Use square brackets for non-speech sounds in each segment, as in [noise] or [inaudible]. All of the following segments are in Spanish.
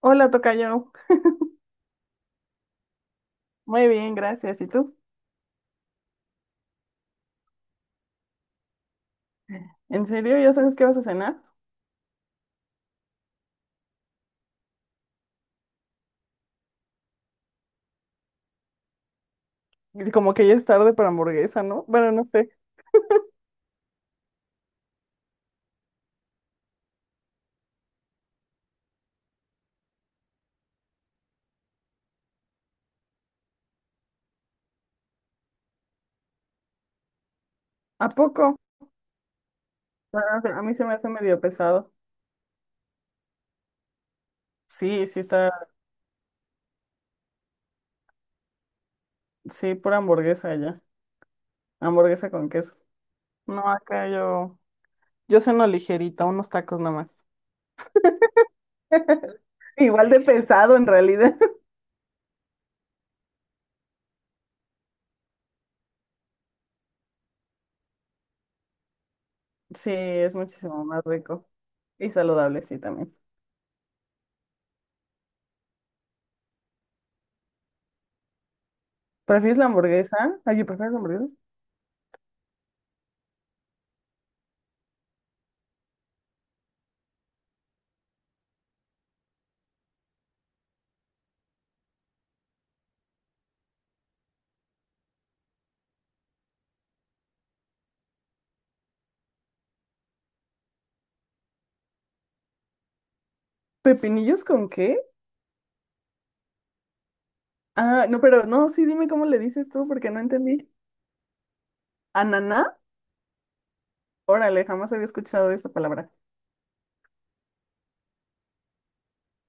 Hola, tocayo. Muy bien, gracias. ¿Y tú? ¿En serio? ¿Ya sabes qué vas a cenar? Y como que ya es tarde para hamburguesa, ¿no? Bueno, no sé. ¿A poco? Ah, a mí se me hace medio pesado. Sí, sí está, sí, pura hamburguesa ya. Hamburguesa con queso. No, acá yo ceno ligerita, unos tacos nomás. [laughs] Igual de pesado en realidad. [laughs] Sí, es muchísimo más rico. Y saludable, sí, también. ¿Prefieres la hamburguesa? Ay, ¿prefieres la hamburguesa? ¿Pepinillos con qué? Ah, no, pero no, sí, dime cómo le dices tú, porque no entendí. ¿Ananá? Órale, jamás había escuchado esa palabra.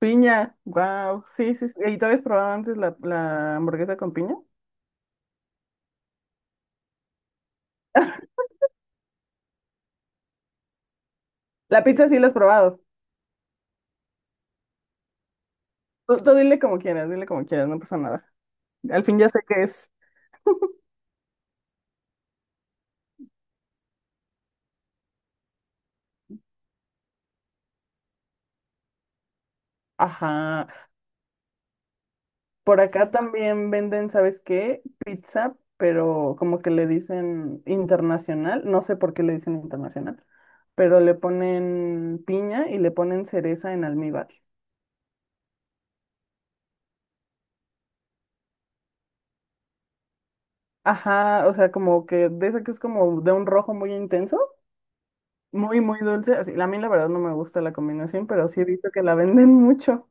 Piña, wow, sí, sí, sí. ¿Y tú habías probado antes la hamburguesa con piña? La pizza sí la has probado. Tú dile como quieras, no pasa nada. Al fin ya sé qué es. Ajá. Por acá también venden, ¿sabes qué? Pizza, pero como que le dicen internacional. No sé por qué le dicen internacional, pero le ponen piña y le ponen cereza en almíbar. Ajá, o sea, como que de esa que es como de un rojo muy intenso. Muy, muy dulce. Así, a mí la verdad no me gusta la combinación, pero sí he visto que la venden [laughs] mucho.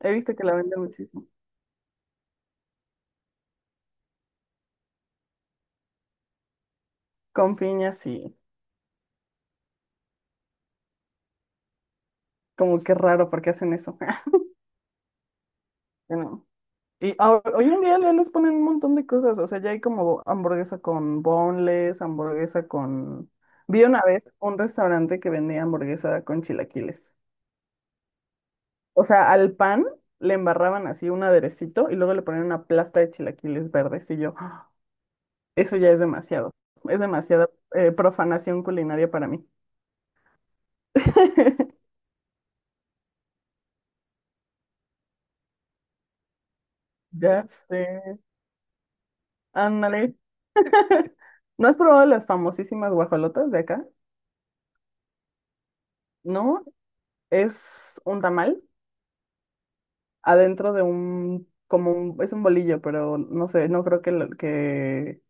He visto que la venden muchísimo. Con piñas y como que raro porque hacen eso. [laughs] Bueno, y hoy en día ya les ponen un montón de cosas. O sea, ya hay como hamburguesa con boneless, hamburguesa con... Vi una vez un restaurante que vendía hamburguesa con chilaquiles. O sea, al pan le embarraban así un aderecito y luego le ponían una plasta de chilaquiles verdes y yo. Eso ya es demasiado. Es demasiada profanación culinaria para mí. [laughs] Ya sé. Ándale. [laughs] ¿No has probado las famosísimas guajolotas de acá? No, es un tamal adentro de un, como un, es un bolillo, pero no sé, no creo que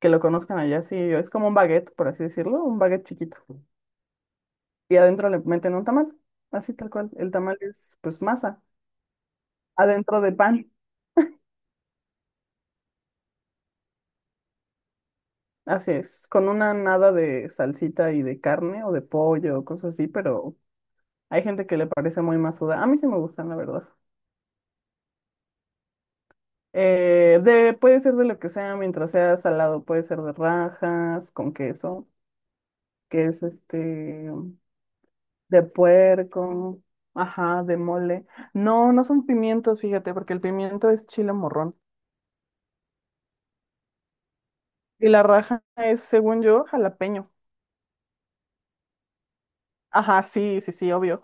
que lo conozcan allá. Sí, es como un baguette, por así decirlo, un baguette chiquito. Y adentro le meten un tamal, así tal cual. El tamal es pues masa, adentro de pan. Así es, con una nada de salsita y de carne o de pollo o cosas así, pero hay gente que le parece muy masuda. A mí sí me gustan, la verdad. De, puede ser de lo que sea, mientras sea salado, puede ser de rajas, con queso, que es este, de puerco, ajá, de mole. No, no son pimientos, fíjate, porque el pimiento es chile morrón. Y la raja es, según yo, jalapeño. Ajá, sí, sí, sí, obvio.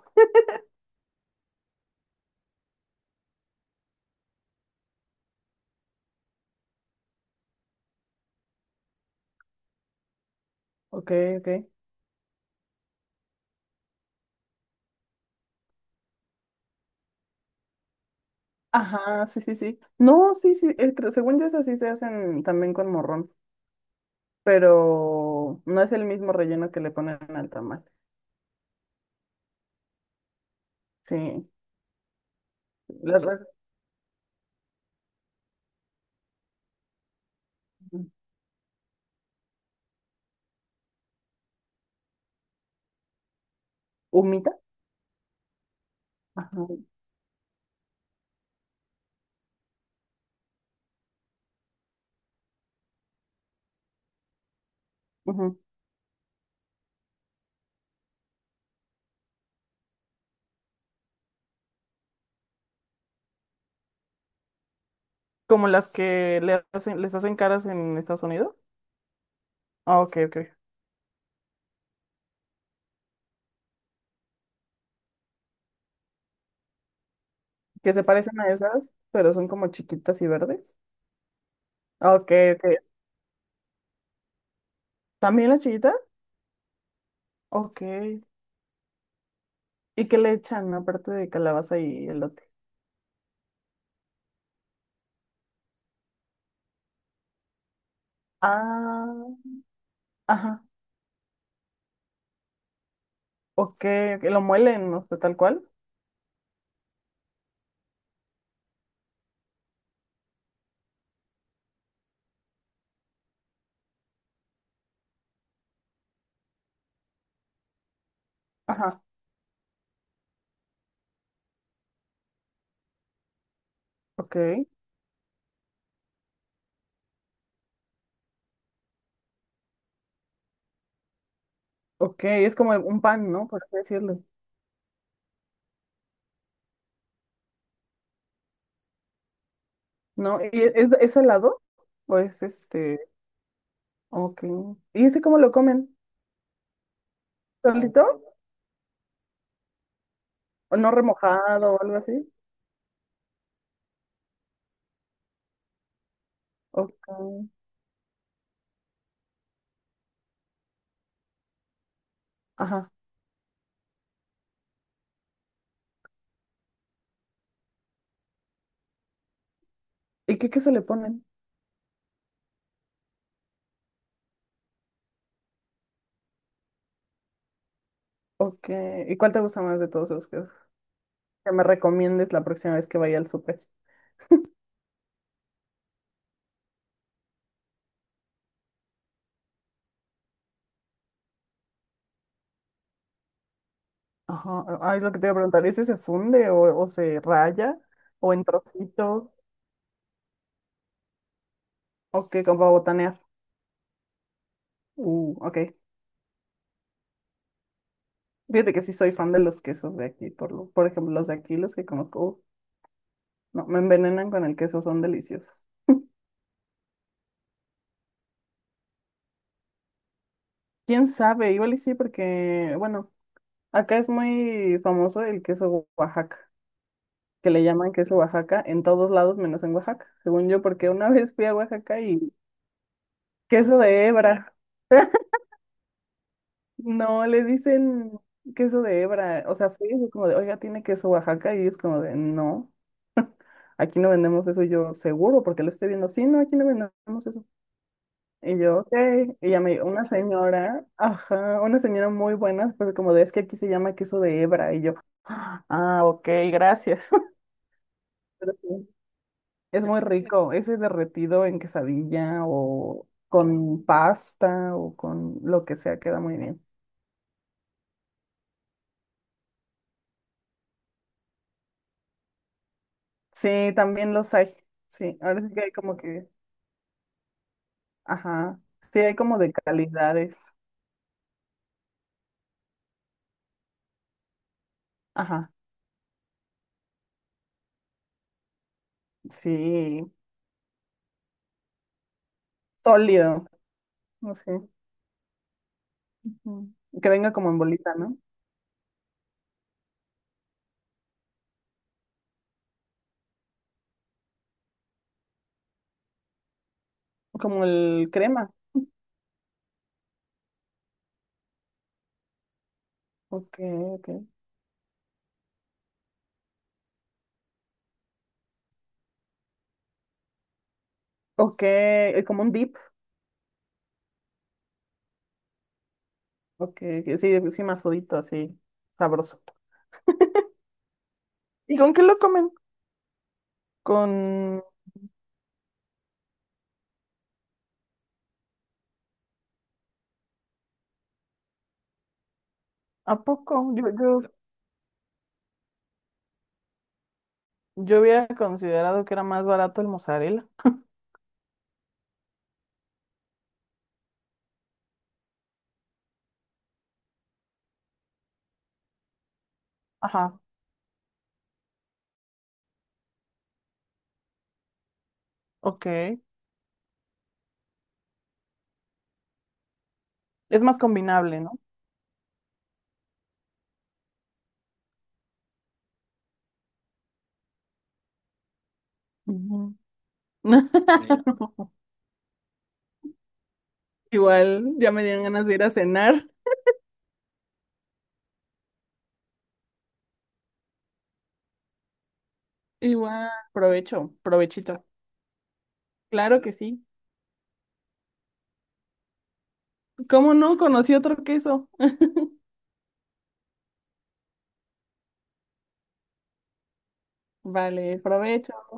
Ok, ok. Ajá, sí, sí, sí. No, sí, sí, según yo esas sí se hacen también con morrón, pero no es el mismo relleno que le ponen al tamal. Sí. Las las- Humita. Ajá. Ujú. Como las que le hacen, les hacen caras en Estados Unidos. Ah, ok, ok. Que se parecen a esas, pero son como chiquitas y verdes. Ah, ok, ok. ¿También las chiquitas? Ok. ¿Y qué le echan aparte de calabaza y elote? Ah, ajá. Ok, ok, lo muelen, no sé, tal cual. Ajá, ok, ok, es como un pan, ¿no? Por así decirlo, ¿no? ¿Y es helado? ¿O es este? Ok. ¿Y ese cómo lo comen? ¿Solito? ¿O no remojado o algo así? Ok, ajá. ¿Y qué, qué se le ponen? Ok, ¿y cuál te gusta más de todos los que me recomiendes la próxima vez que vaya al súper? Ajá, ah, es lo que te iba a preguntar, ¿ese se funde o se raya? ¿O en trocitos? Ok, como para botanear. Ok. Fíjate que sí soy fan de los quesos de aquí, por lo, por ejemplo, los de aquí, los que conozco, uf, no, me envenenan con el queso, son deliciosos. ¿Quién sabe? Igual y sí, porque, bueno, acá es muy famoso el queso Oaxaca, que le llaman queso Oaxaca en todos lados menos en Oaxaca, según yo, porque una [laughs] vez fui a Oaxaca y queso de hebra, no, le dicen queso de hebra, o sea, fui y fue como de, oiga, tiene queso Oaxaca y es como de, no, aquí no vendemos eso, y yo seguro, porque lo estoy viendo, sí, no, aquí no vendemos eso. Y yo, ok. Y ya me dijo, una señora, ajá, una señora muy buena, pero como de, es que aquí se llama queso de hebra. Y yo, ah, ok, gracias. [laughs] Pero sí, es muy rico, ese derretido en quesadilla o con pasta o con lo que sea, queda muy bien. Sí, también los hay. Sí, ahora sí que hay como que, ajá, sí hay como de calidades. Ajá, sí, sólido, no sé. Ujú. Que venga como en bolita, ¿no? Como el crema. Ok, ok. Ok, como un dip. Ok, que sí, sí, más jodito, así, sabroso. ¿Y con qué lo comen? Con... ¿A poco? Yo había considerado que era más barato el mozzarella. Ajá, ok. Es más combinable, ¿no? Ujú. [laughs] Igual, ya me dieron ganas de ir a cenar. Igual, provecho, provechito. Claro que sí. ¿Cómo no? Conocí otro queso. Vale, provecho.